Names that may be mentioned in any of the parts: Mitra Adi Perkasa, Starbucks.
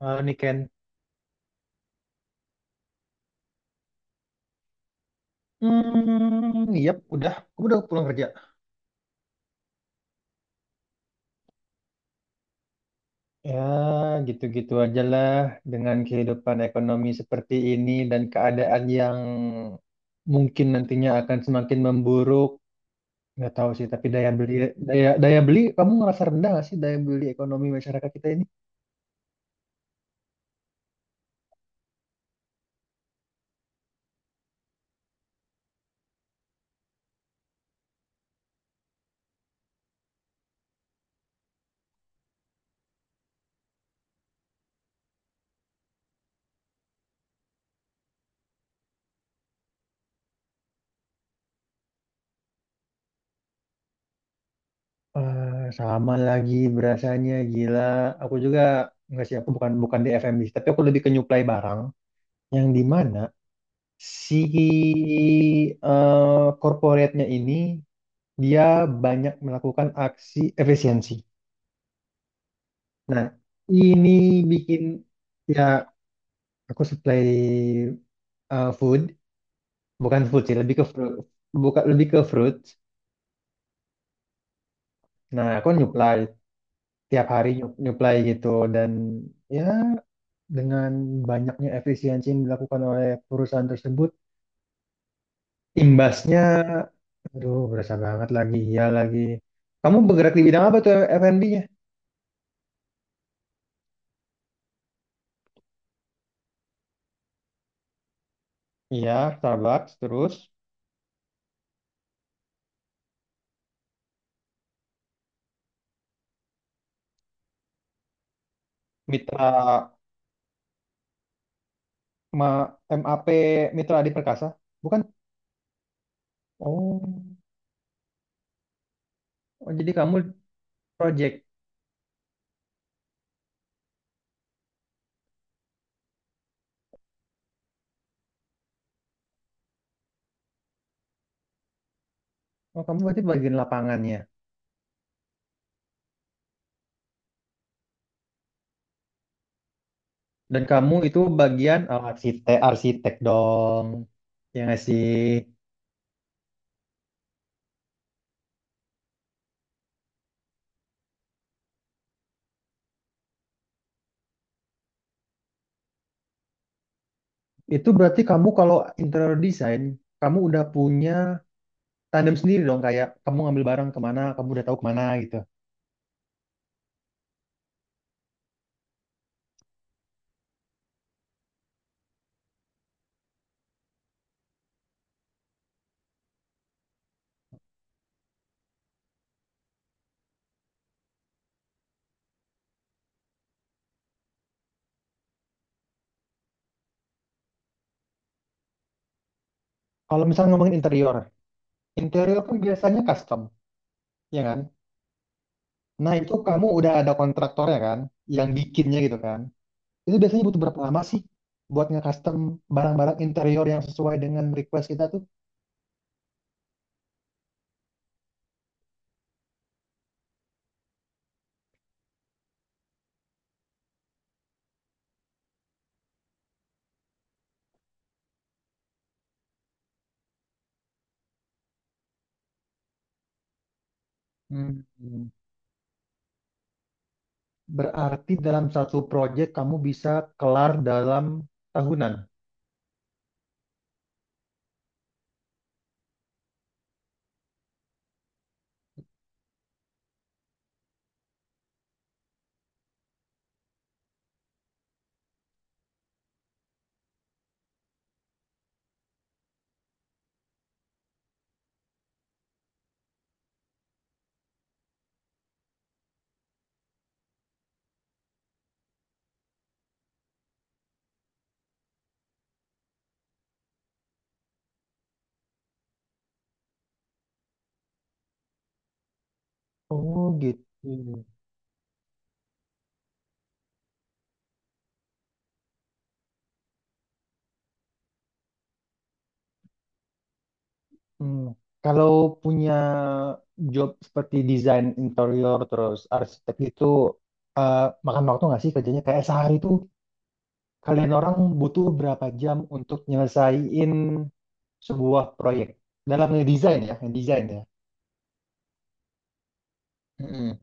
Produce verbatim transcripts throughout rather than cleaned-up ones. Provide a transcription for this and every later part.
Eh, Niken. Hmm, iya, udah. Aku udah pulang kerja. Ya, gitu-gitu aja lah dengan kehidupan ekonomi seperti ini dan keadaan yang mungkin nantinya akan semakin memburuk. Nggak tahu sih, tapi daya beli daya daya beli kamu ngerasa rendah nggak sih daya beli ekonomi masyarakat kita ini? Eh, sama lagi berasanya gila. Aku juga nggak sih, aku bukan bukan di F M B, tapi aku lebih ke nyuplai barang yang di mana si eh corporate-nya ini dia banyak melakukan aksi efisiensi. Nah, ini bikin ya aku supply eh, food, bukan food sih, lebih ke fruit, bukan lebih ke fruit. Nah, aku nyuplai tiap hari nyu- nyuplai gitu dan ya dengan banyaknya efisiensi yang dilakukan oleh perusahaan tersebut, imbasnya aduh berasa banget lagi ya lagi. Kamu bergerak di bidang apa tuh, F and B? Iya, Starbucks. Terus Mitra ma- M A P, Mitra Adi Perkasa, bukan? Oh, oh, jadi kamu project. Oh, kamu berarti bagian lapangannya. Dan kamu itu bagian oh, arsitek, arsitek dong. Ya nggak sih? Itu berarti kamu kalau interior design, kamu udah punya tandem sendiri dong. Kayak kamu ngambil barang kemana, kamu udah tahu kemana gitu. Kalau misalnya ngomongin interior, interior kan biasanya custom, ya kan? Nah, itu kamu udah ada kontraktornya kan, yang bikinnya gitu kan. Itu biasanya butuh berapa lama sih buat nge-custom barang-barang interior yang sesuai dengan request kita tuh? Hmm. Berarti dalam satu project kamu bisa kelar dalam tahunan. Oh, gitu. Hmm. Kalau punya job seperti desain interior terus arsitek itu eh, makan waktu nggak sih kerjanya? Kayak sehari tuh kalian orang butuh berapa jam untuk nyelesain sebuah proyek dalam ngedesain ya, ngedesain ya. Mm-mm.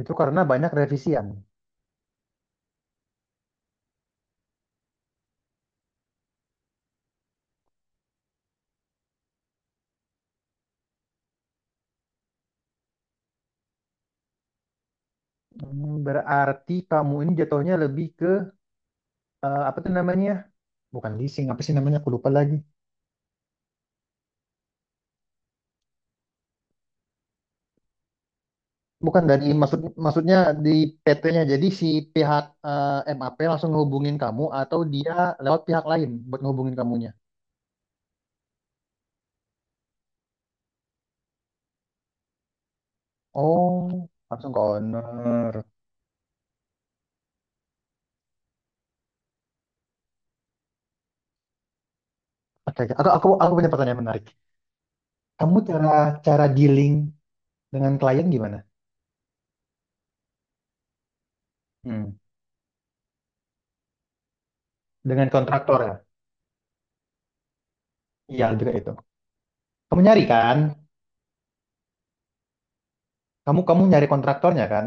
Itu karena banyak revisian. Hmm, berarti kamu ini jatuhnya lebih ke eh, apa tuh namanya? Bukan leasing, apa sih namanya? Aku lupa lagi. Bukan dari maksud maksudnya di P T-nya. Jadi si pihak eh, map langsung ngehubungin kamu atau dia lewat pihak lain buat ngehubungin kamunya. Oh, langsung ke owner. Oke, oke. Aku aku aku punya pertanyaan menarik. Kamu cara cara dealing dengan klien gimana? Hmm. Dengan kontraktor ya? Iya, juga itu. Kamu nyari kan? Kamu kamu nyari kontraktornya kan?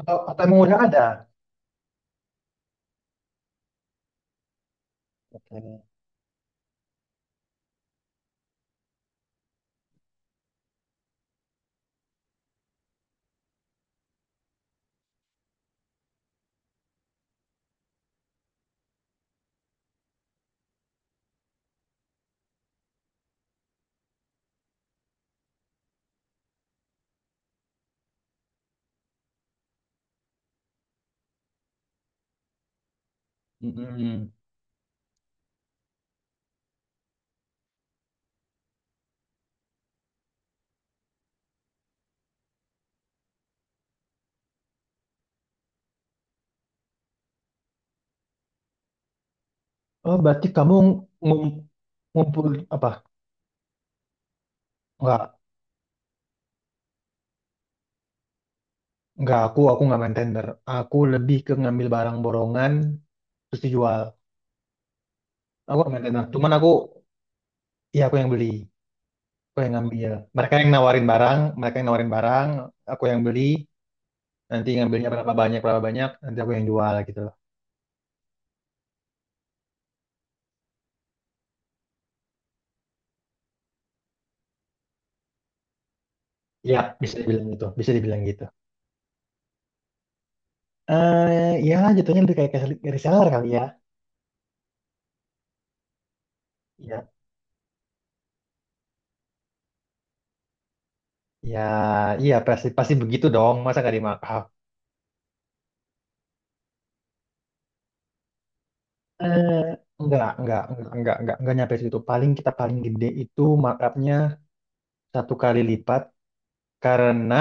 Atau atau emang udah ada? Oke. Mm-mm. Oh, berarti kamu ngum, ngumpul apa? Enggak, enggak aku aku nggak main tender. Aku lebih ke ngambil barang borongan terus dijual. Aku nggak main tender. Cuman aku ya aku yang beli, aku yang ngambil. Mereka yang nawarin barang, mereka yang nawarin barang, aku yang beli. Nanti ngambilnya berapa banyak berapa banyak, nanti aku yang jual gitu loh. Ya, bisa dibilang gitu, bisa dibilang gitu. Eh, ya jatuhnya lebih kayak kayak reseller kali ya. Ya, ya, iya pasti pasti begitu dong. Masa nggak dimarkup? Eh, enggak, enggak, enggak, enggak, enggak, enggak nyampe situ. Paling kita paling gede itu markupnya satu kali lipat karena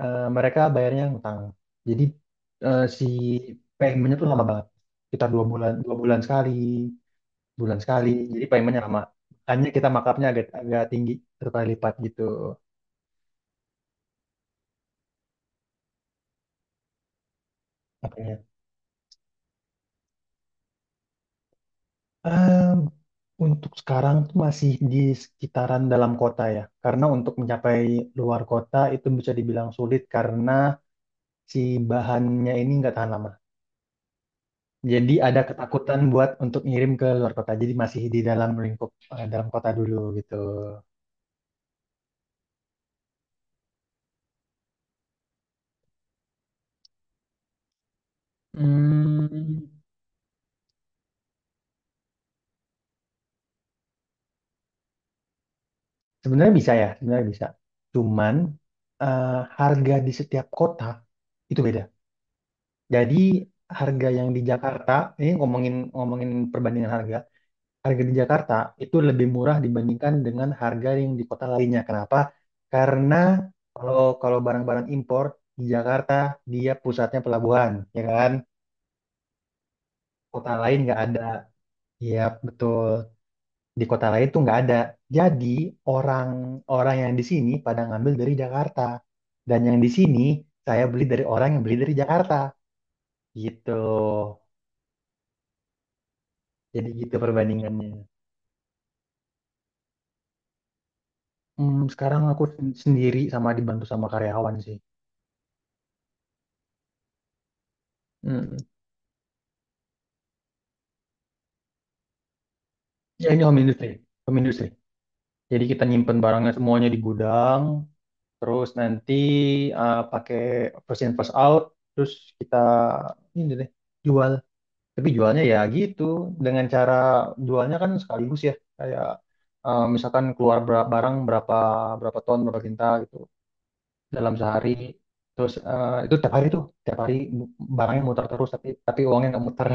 eh, mereka bayarnya ngutang. Jadi eh, si paymentnya tuh lama banget. Kita dua bulan, dua bulan sekali, bulan sekali. Jadi paymentnya lama. Makanya kita markupnya agak agak tinggi satu kali lipat gitu. Eee, untuk sekarang tuh masih di sekitaran dalam kota ya, karena untuk mencapai luar kota itu bisa dibilang sulit karena si bahannya ini nggak tahan lama. Jadi ada ketakutan buat untuk ngirim ke luar kota. Jadi masih di dalam lingkup eh, dalam kota dulu gitu. Hmm, sebenarnya bisa ya, sebenarnya bisa. Cuman eh, harga di setiap kota itu beda. Jadi harga yang di Jakarta, ini ngomongin ngomongin perbandingan harga, harga di Jakarta itu lebih murah dibandingkan dengan harga yang di kota lainnya. Kenapa? Karena kalau kalau barang-barang impor di Jakarta dia pusatnya pelabuhan, ya kan? Kota lain nggak ada. Iya, betul. Di kota lain tuh nggak ada. Jadi orang-orang yang di sini pada ngambil dari Jakarta. Dan yang di sini saya beli dari orang yang beli dari Jakarta. Gitu. Jadi gitu perbandingannya. Hmm, sekarang aku sen- sendiri sama dibantu sama karyawan sih. Hmm. Ya ini home industry, home industry. Jadi kita nyimpen barangnya semuanya di gudang, terus nanti eh, pakai first in first out, terus kita ini deh jual. Tapi jualnya ya gitu, dengan cara jualnya kan sekaligus ya, kayak eh, misalkan keluar ber- barang berapa berapa ton, berapa kintal gitu dalam sehari. Terus eh, itu tiap hari tuh, tiap hari barangnya muter terus, tapi tapi uangnya nggak muter.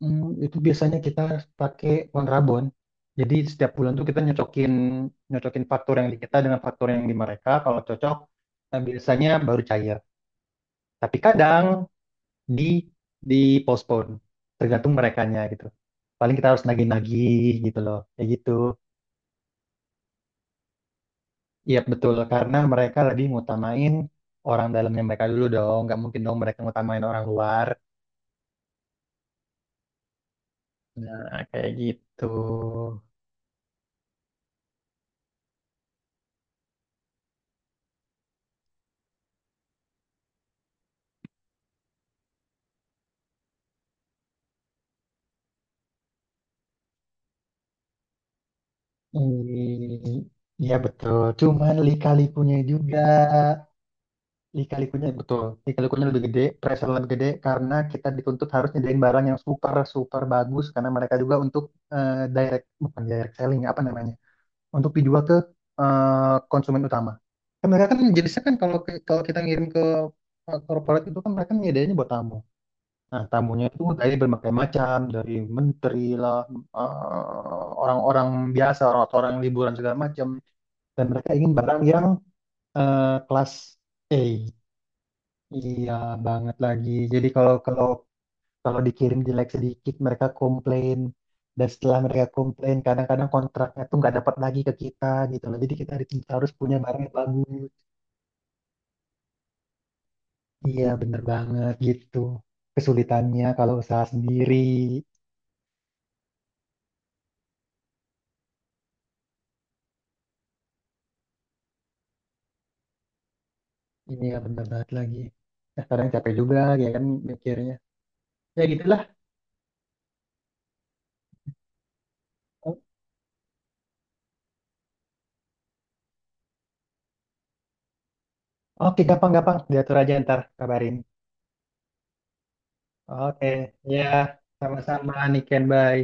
Hmm, itu biasanya kita pakai kontrabon. Jadi setiap bulan tuh kita nyocokin nyocokin faktur yang di kita dengan faktur yang di mereka. Kalau cocok, nah biasanya baru cair. Tapi kadang di di postpone, tergantung merekanya gitu. Paling kita harus nagih-nagih gitu loh, kayak gitu. Iya betul, karena mereka lebih ngutamain orang dalamnya mereka dulu dong. Nggak mungkin dong mereka ngutamain orang luar. Nah, kayak gitu. I- Iya betul, cuman lika-likunya juga lika-likunya betul, lika-likunya lebih gede, pressure lebih gede karena kita dituntut harus nyediain barang yang super super bagus karena mereka juga untuk eh, direct bukan direct selling apa namanya untuk dijual ke eh, konsumen utama. Kan mereka kan jenisnya kan kalau ke- kalau kita ngirim ke eh, corporate itu kan mereka nyediainnya buat tamu. Nah, tamunya itu dari berbagai macam, dari menteri lah, eh, orang-orang biasa, orang-orang liburan segala macam dan mereka ingin barang yang eh, kelas A. Iya banget lagi. Jadi kalau kalau kalau dikirim jelek sedikit mereka komplain dan setelah mereka komplain kadang-kadang kontraknya tuh nggak dapat lagi ke kita gitu loh. Jadi kita harus harus punya barang yang bagus. Iya bener banget gitu. Kesulitannya kalau usaha sendiri ini ya bener banget lagi. Nah, kadang capek juga ya kan mikirnya. Ya gitulah. Oke gampang-gampang diatur aja ntar kabarin. Oke, ya sama-sama Niken, bye.